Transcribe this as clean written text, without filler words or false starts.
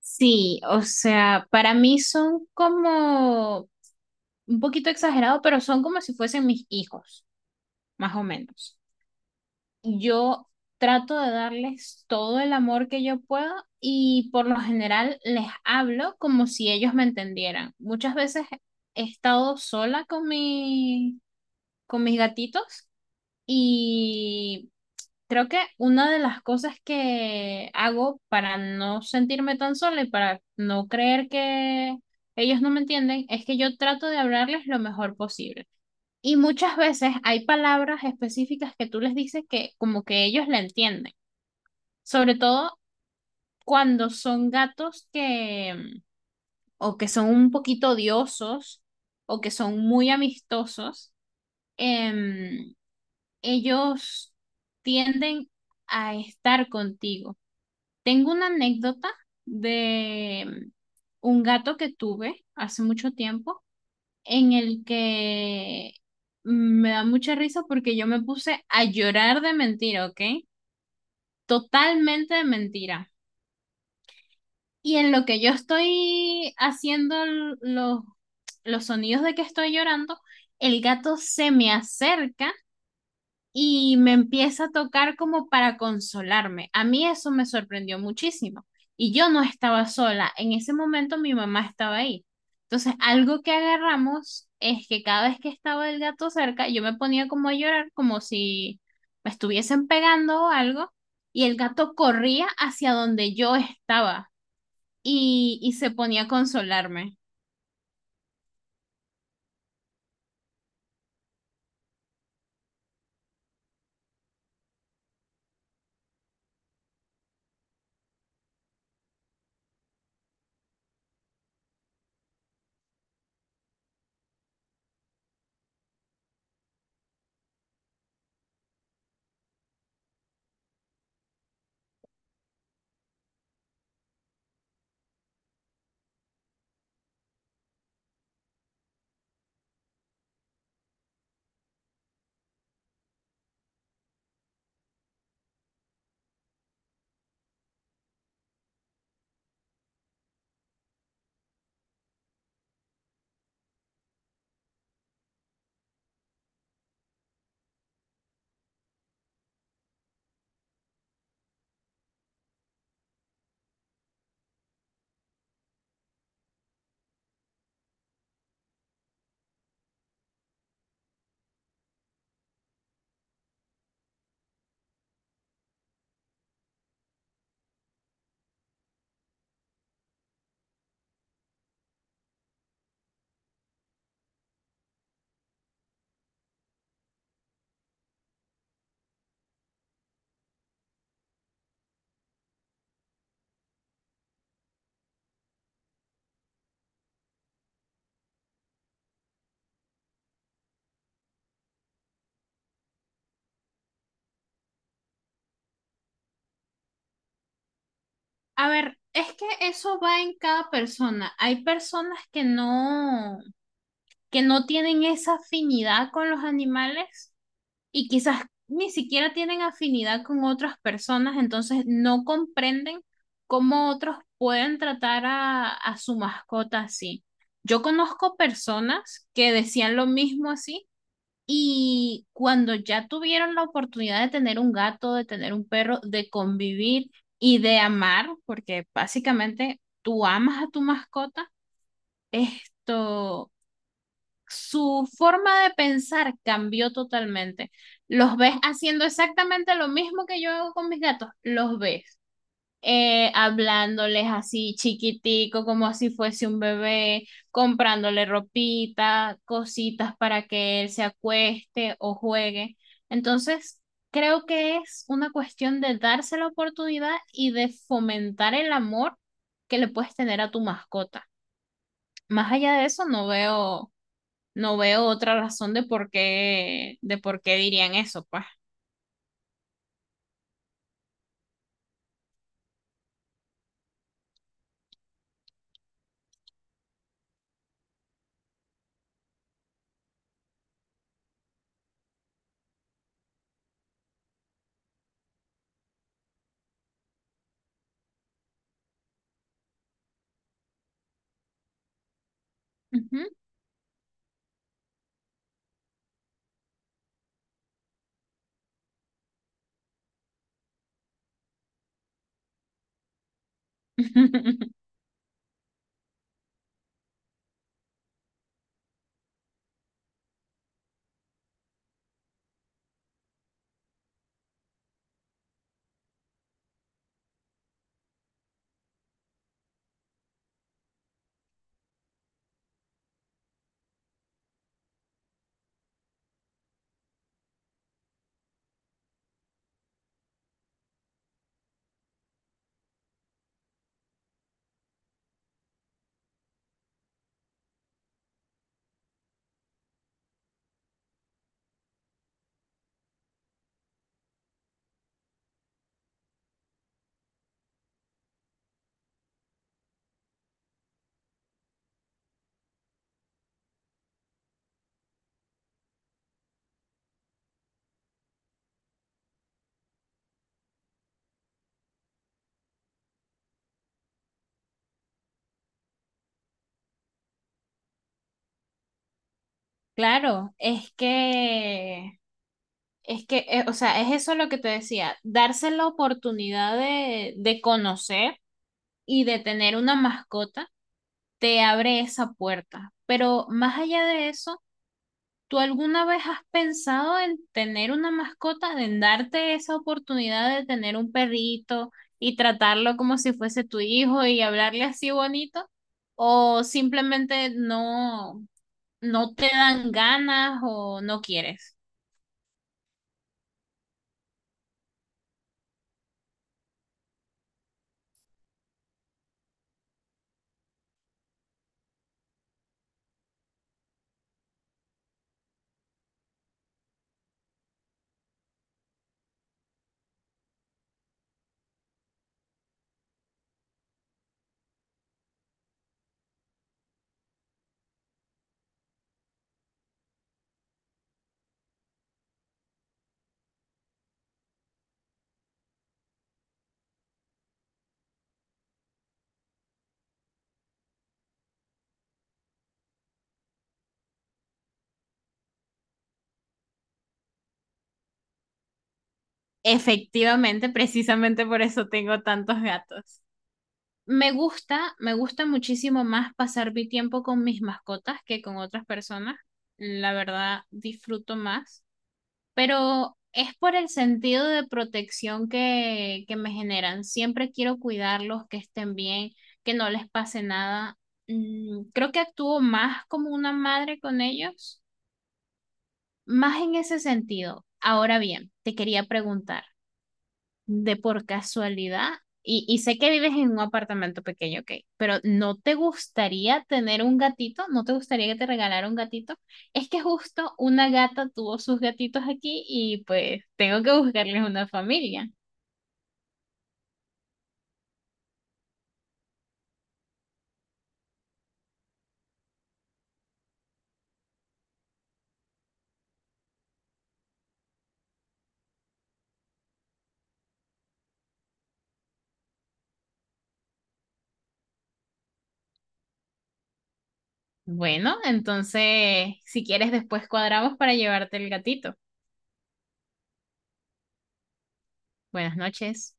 Sí, o sea, para mí son como un poquito exagerado, pero son como si fuesen mis hijos, más o menos. Yo trato de darles todo el amor que yo puedo y por lo general les hablo como si ellos me entendieran. Muchas veces he estado sola con mis gatitos y creo que una de las cosas que hago para no sentirme tan sola y para no creer que ellos no me entienden es que yo trato de hablarles lo mejor posible. Y muchas veces hay palabras específicas que tú les dices que como que ellos la entienden. Sobre todo cuando son gatos o que son un poquito odiosos o que son muy amistosos, em, ellos tienden a estar contigo. Tengo una anécdota de un gato que tuve hace mucho tiempo en el que me da mucha risa porque yo me puse a llorar de mentira, ¿ok? Totalmente de mentira. Y en lo que yo estoy haciendo los sonidos de que estoy llorando, el gato se me acerca y me empieza a tocar como para consolarme. A mí eso me sorprendió muchísimo. Y yo no estaba sola. En ese momento mi mamá estaba ahí. Entonces, algo que agarramos es que cada vez que estaba el gato cerca, yo me ponía como a llorar, como si me estuviesen pegando o algo, y el gato corría hacia donde yo estaba y se ponía a consolarme. A ver, es que eso va en cada persona. Hay personas que no tienen esa afinidad con los animales y quizás ni siquiera tienen afinidad con otras personas, entonces no comprenden cómo otros pueden tratar a su mascota así. Yo conozco personas que decían lo mismo así y cuando ya tuvieron la oportunidad de tener un gato, de tener un perro, de convivir y de amar, porque básicamente tú amas a tu mascota, esto su forma de pensar cambió totalmente. Los ves haciendo exactamente lo mismo que yo hago con mis gatos, los ves. Hablándoles así chiquitico, como si fuese un bebé, comprándole ropita, cositas para que él se acueste o juegue. Entonces, creo que es una cuestión de darse la oportunidad y de fomentar el amor que le puedes tener a tu mascota. Más allá de eso, no veo otra razón de por qué dirían eso, pues. Ujú. Claro, o sea, es eso lo que te decía, darse la oportunidad de conocer y de tener una mascota te abre esa puerta. Pero más allá de eso, ¿tú alguna vez has pensado en tener una mascota, en darte esa oportunidad de tener un perrito y tratarlo como si fuese tu hijo y hablarle así bonito? ¿O simplemente no, no te dan ganas o no quieres? Efectivamente, precisamente por eso tengo tantos gatos. Me gusta muchísimo más pasar mi tiempo con mis mascotas que con otras personas. La verdad, disfruto más, pero es por el sentido de protección que me generan. Siempre quiero cuidarlos, que estén bien, que no les pase nada. Creo que actúo más como una madre con ellos, más en ese sentido. Ahora bien, te quería preguntar, de por casualidad, y sé que vives en un apartamento pequeño, ok, pero ¿no te gustaría tener un gatito? ¿No te gustaría que te regalara un gatito? Es que justo una gata tuvo sus gatitos aquí y pues tengo que buscarles una familia. Bueno, entonces, si quieres, después cuadramos para llevarte el gatito. Buenas noches.